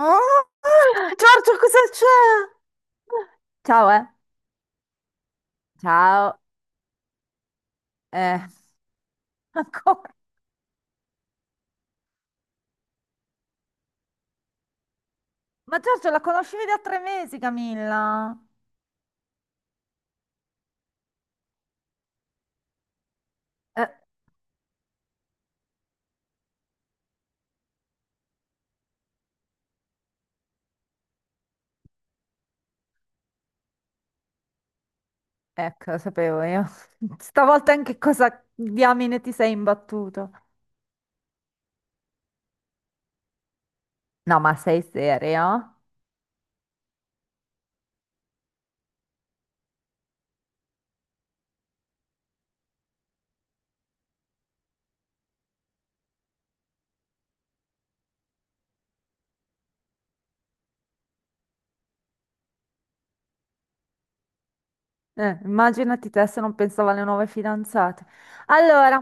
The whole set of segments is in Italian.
Oh, Giorgio, cosa c'è? Ciao, eh. Ciao, eh. Ancora. Ma Giorgio, la conoscevi da 3 mesi, Camilla? Eh, ecco, lo sapevo io. Stavolta in che cosa diamine ti sei imbattuto? No, ma sei serio? Immaginati te se non pensavo alle nuove fidanzate. Allora,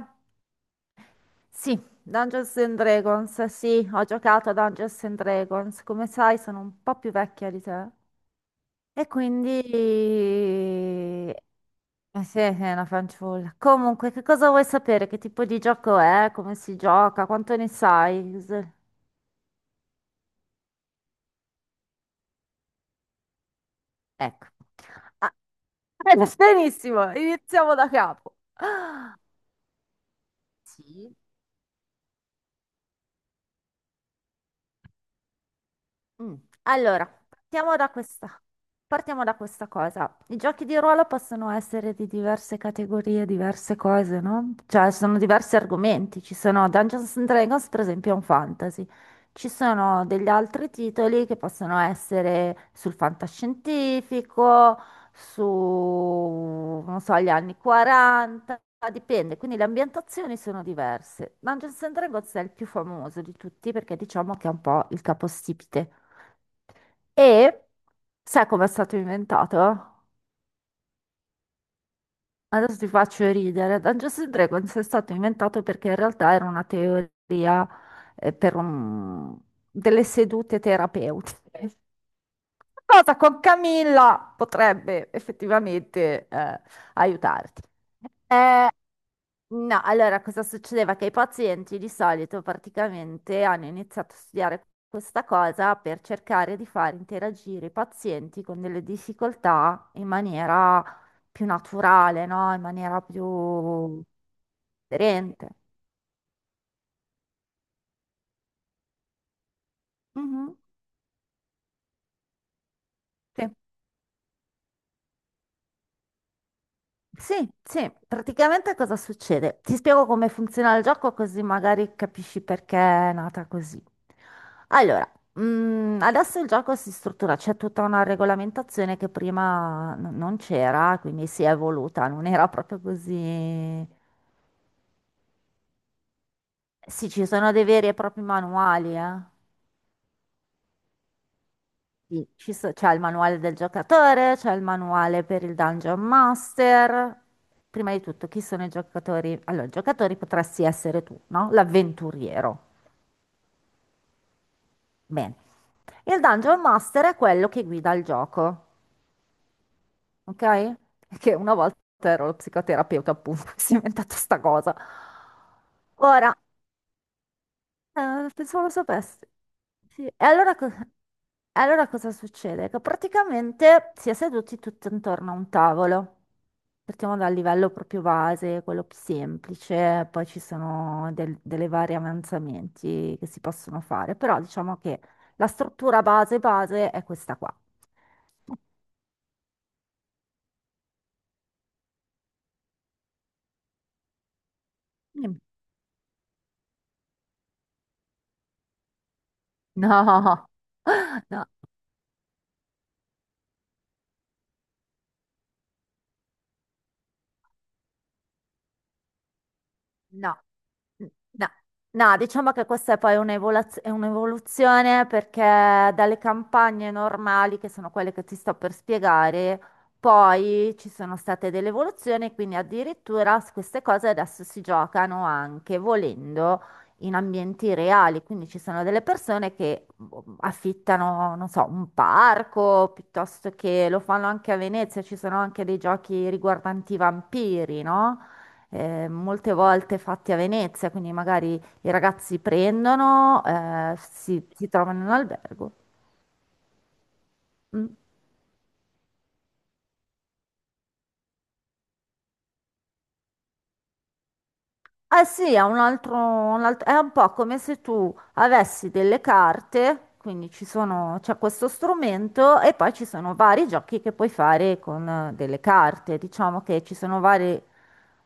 sì, Dungeons and Dragons, sì, ho giocato a Dungeons and Dragons. Come sai, sono un po' più vecchia di te. E quindi. Eh sì, sì, è una fanciulla. Comunque, che cosa vuoi sapere? Che tipo di gioco è? Come si gioca? Quanto ne sai? Ecco. Ah, benissimo, iniziamo da capo. Sì. Mm. Allora, partiamo da questa. Partiamo da questa cosa. I giochi di ruolo possono essere di diverse categorie, diverse cose, no? Cioè, sono diversi argomenti. Ci sono Dungeons and Dragons, per esempio, è un fantasy. Ci sono degli altri titoli che possono essere sul fantascientifico, su, non so, gli anni 40, dipende. Quindi le ambientazioni sono diverse. Dungeons and Dragons è il più famoso di tutti perché diciamo che è un po' il capostipite. E sai com'è stato inventato? Adesso ti faccio ridere. Dungeons and Dragons è stato inventato perché in realtà era una teoria eh, per un- delle sedute terapeutiche. Cosa con Camilla potrebbe effettivamente aiutarti. Eh, No, allora cosa succedeva? Che i pazienti di solito praticamente hanno iniziato a studiare questa cosa per cercare di far interagire i pazienti con delle difficoltà in maniera più naturale, no? In maniera più aderente. Mhm, sì. Sì, sì, praticamente cosa succede? Ti spiego come funziona il gioco così magari capisci perché è nata così. Allora, adesso il gioco si struttura, c'è tutta una regolamentazione che prima non c'era, quindi si è evoluta, non era proprio così. Sì, ci sono dei veri e propri manuali, eh. Sì, c'è il manuale del giocatore, c'è il manuale per il Dungeon Master. Prima di tutto, chi sono i giocatori? Allora, i giocatori potresti essere tu, no? L'avventuriero. Bene. Il Dungeon Master è quello che guida il gioco, ok? Che una volta ero lo psicoterapeuta, appunto, si è inventata sta cosa. Ora. Ah, pensavo lo sapessi. Sì. E allora, allora cosa succede? Che praticamente si è seduti tutti intorno a un tavolo. Partiamo dal livello proprio base, quello più semplice, poi ci sono delle vari avanzamenti che si possono fare, però diciamo che la struttura base base è questa qua. Mm. No, no, no. No, no, diciamo che questa è poi è un'evoluzione perché dalle campagne normali, che sono quelle che ti sto per spiegare, poi ci sono state delle evoluzioni, quindi addirittura queste cose adesso si giocano anche volendo in ambienti reali, quindi ci sono delle persone che boh, affittano, non so, un parco, piuttosto che lo fanno anche a Venezia, ci sono anche dei giochi riguardanti i vampiri, no? Molte volte fatti a Venezia, quindi magari i ragazzi prendono, si trovano in un albergo. Mm. Eh sì, è un altro, è un po' come se tu avessi delle carte, quindi ci sono, c'è questo strumento e poi ci sono vari giochi che puoi fare con delle carte. Diciamo che ci sono vari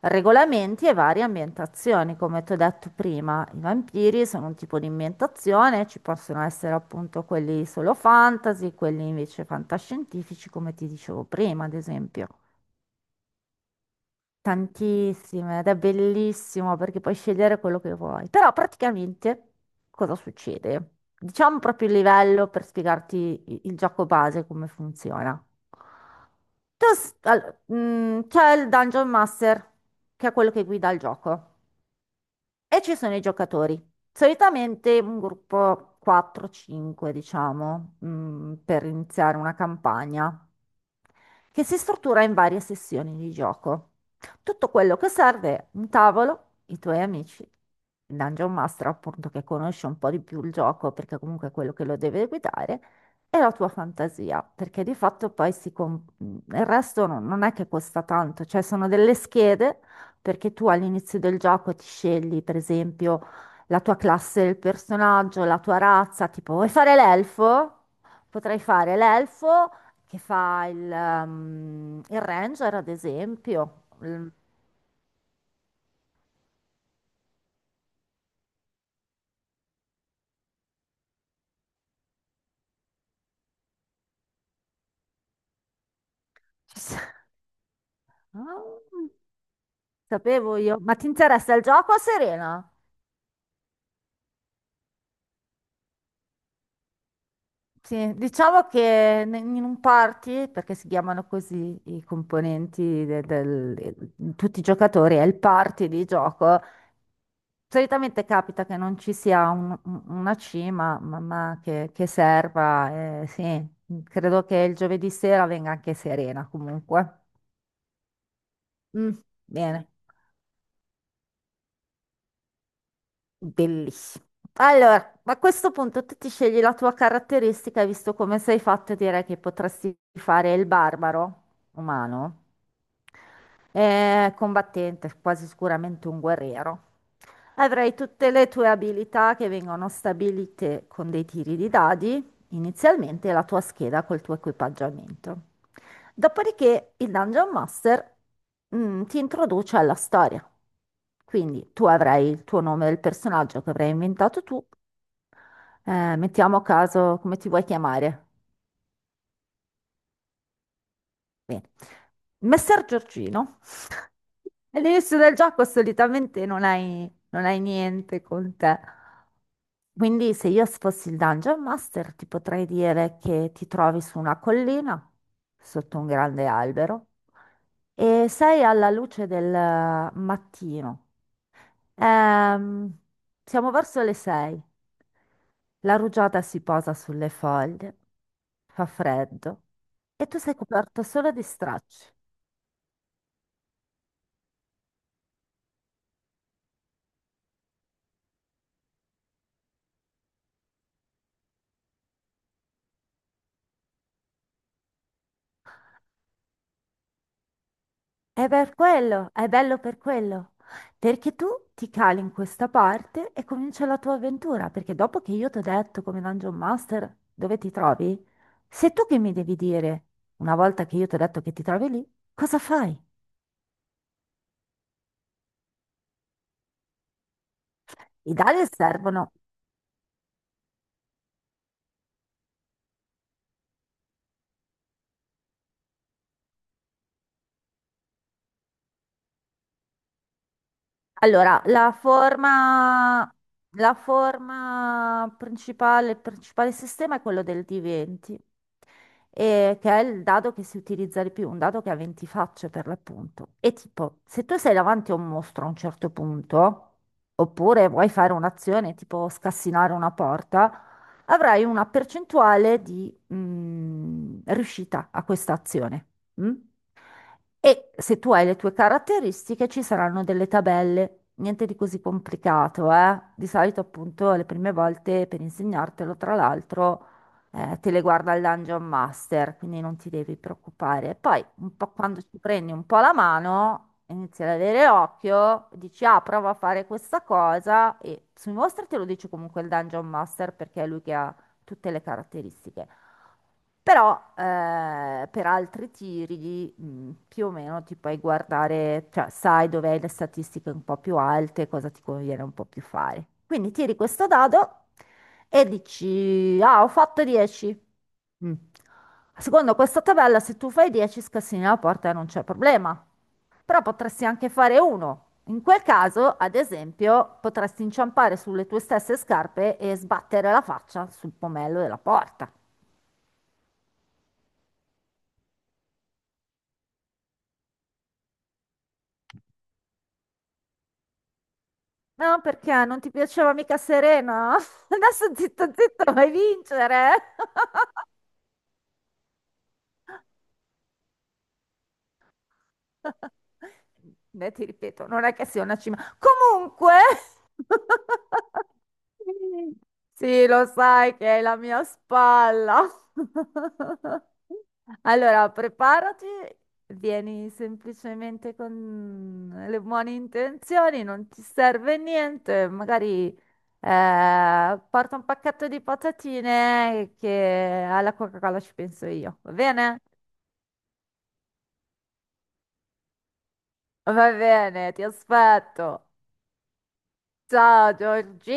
regolamenti e varie ambientazioni, come ti ho detto prima. I vampiri sono un tipo di ambientazione, ci possono essere appunto quelli solo fantasy, quelli invece fantascientifici, come ti dicevo prima, ad esempio. Tantissime, ed è bellissimo perché puoi scegliere quello che vuoi. Però praticamente cosa succede? Diciamo proprio il livello per spiegarti il gioco base, come funziona. Tu s- all- mm, C'è il Dungeon Master, che è quello che guida il gioco. E ci sono i giocatori. Solitamente un gruppo 4-5, diciamo, per iniziare una campagna, che si struttura in varie sessioni di gioco. Tutto quello che serve è un tavolo, i tuoi amici, il Dungeon Master, appunto, che conosce un po' di più il gioco, perché comunque è quello che lo deve guidare, e la tua fantasia, perché di fatto poi il resto non è che costa tanto, cioè sono delle schede perché tu all'inizio del gioco ti scegli, per esempio, la tua classe del personaggio, la tua razza, tipo vuoi fare l'elfo? Potrai fare l'elfo che fa il ranger, ad esempio. Ci sa- Ah, Sapevo io. Ma ti interessa il gioco, Serena? Sì, diciamo che in un party, perché si chiamano così i componenti del, tutti i giocatori, è il party di gioco. Solitamente capita che non ci sia una cima, ma che serva. Sì, credo che il giovedì sera venga anche Serena comunque. Mm, Bene, bellissimo. Allora, a questo punto tu ti scegli la tua caratteristica e visto come sei fatto, direi che potresti fare il barbaro umano. È combattente, quasi sicuramente un guerriero. Avrai tutte le tue abilità che vengono stabilite con dei tiri di dadi, inizialmente e la tua scheda col tuo equipaggiamento. Dopodiché il Dungeon Master, ti introduce alla storia. Quindi tu avrai il tuo nome del personaggio che avrai inventato tu. Mettiamo a caso come ti vuoi chiamare. Bene. Messer Giorgino. All'inizio del gioco solitamente non hai niente con te. Quindi se io fossi il Dungeon Master ti potrei dire che ti trovi su una collina, sotto un grande albero, e sei alla luce del mattino. Ehm, Siamo verso le sei. La rugiada si posa sulle foglie, fa freddo e tu sei coperto solo di stracci. È per quello, è bello per quello, perché tu ti cali in questa parte e comincia la tua avventura, perché dopo che io ti ho detto come Dungeon Master dove ti trovi, sei tu che mi devi dire, una volta che io ti ho detto che ti trovi lì, cosa fai? I dadi servono. Allora, la forma principale, il principale sistema è quello del D20, che è il dado che si utilizza di più, un dado che ha 20 facce per l'appunto. E tipo, se tu sei davanti a un mostro a un certo punto, oppure vuoi fare un'azione tipo scassinare una porta, avrai una percentuale di riuscita a questa azione. Mm? E se tu hai le tue caratteristiche ci saranno delle tabelle, niente di così complicato, eh? Di solito appunto le prime volte per insegnartelo, tra l'altro, te le guarda il Dungeon Master, quindi non ti devi preoccupare. Poi un po' quando ci prendi un po' la mano, inizi ad avere occhio, dici ah, prova a fare questa cosa e sui mostri te lo dice comunque il Dungeon Master perché è lui che ha tutte le caratteristiche. Però per altri tiri più o meno ti puoi guardare, cioè sai dov'è le statistiche un po' più alte, cosa ti conviene un po' più fare. Quindi tiri questo dado e dici, ah, ho fatto 10. Mm. Secondo questa tabella, se tu fai 10 scassini alla porta non c'è problema. Però potresti anche fare uno. In quel caso, ad esempio, potresti inciampare sulle tue stesse scarpe e sbattere la faccia sul pomello della porta. No, perché non ti piaceva mica Serena? Adesso zitto zitto vai a vincere. Beh, ti ripeto, non è che sia una cima. Comunque, sì, lo sai che è la mia spalla. Allora, preparati, vieni semplicemente con le buone intenzioni, non ti serve niente, magari porta un pacchetto di patatine che alla Coca-Cola ci penso io, va bene? Va bene, ti aspetto. Ciao Giorgi.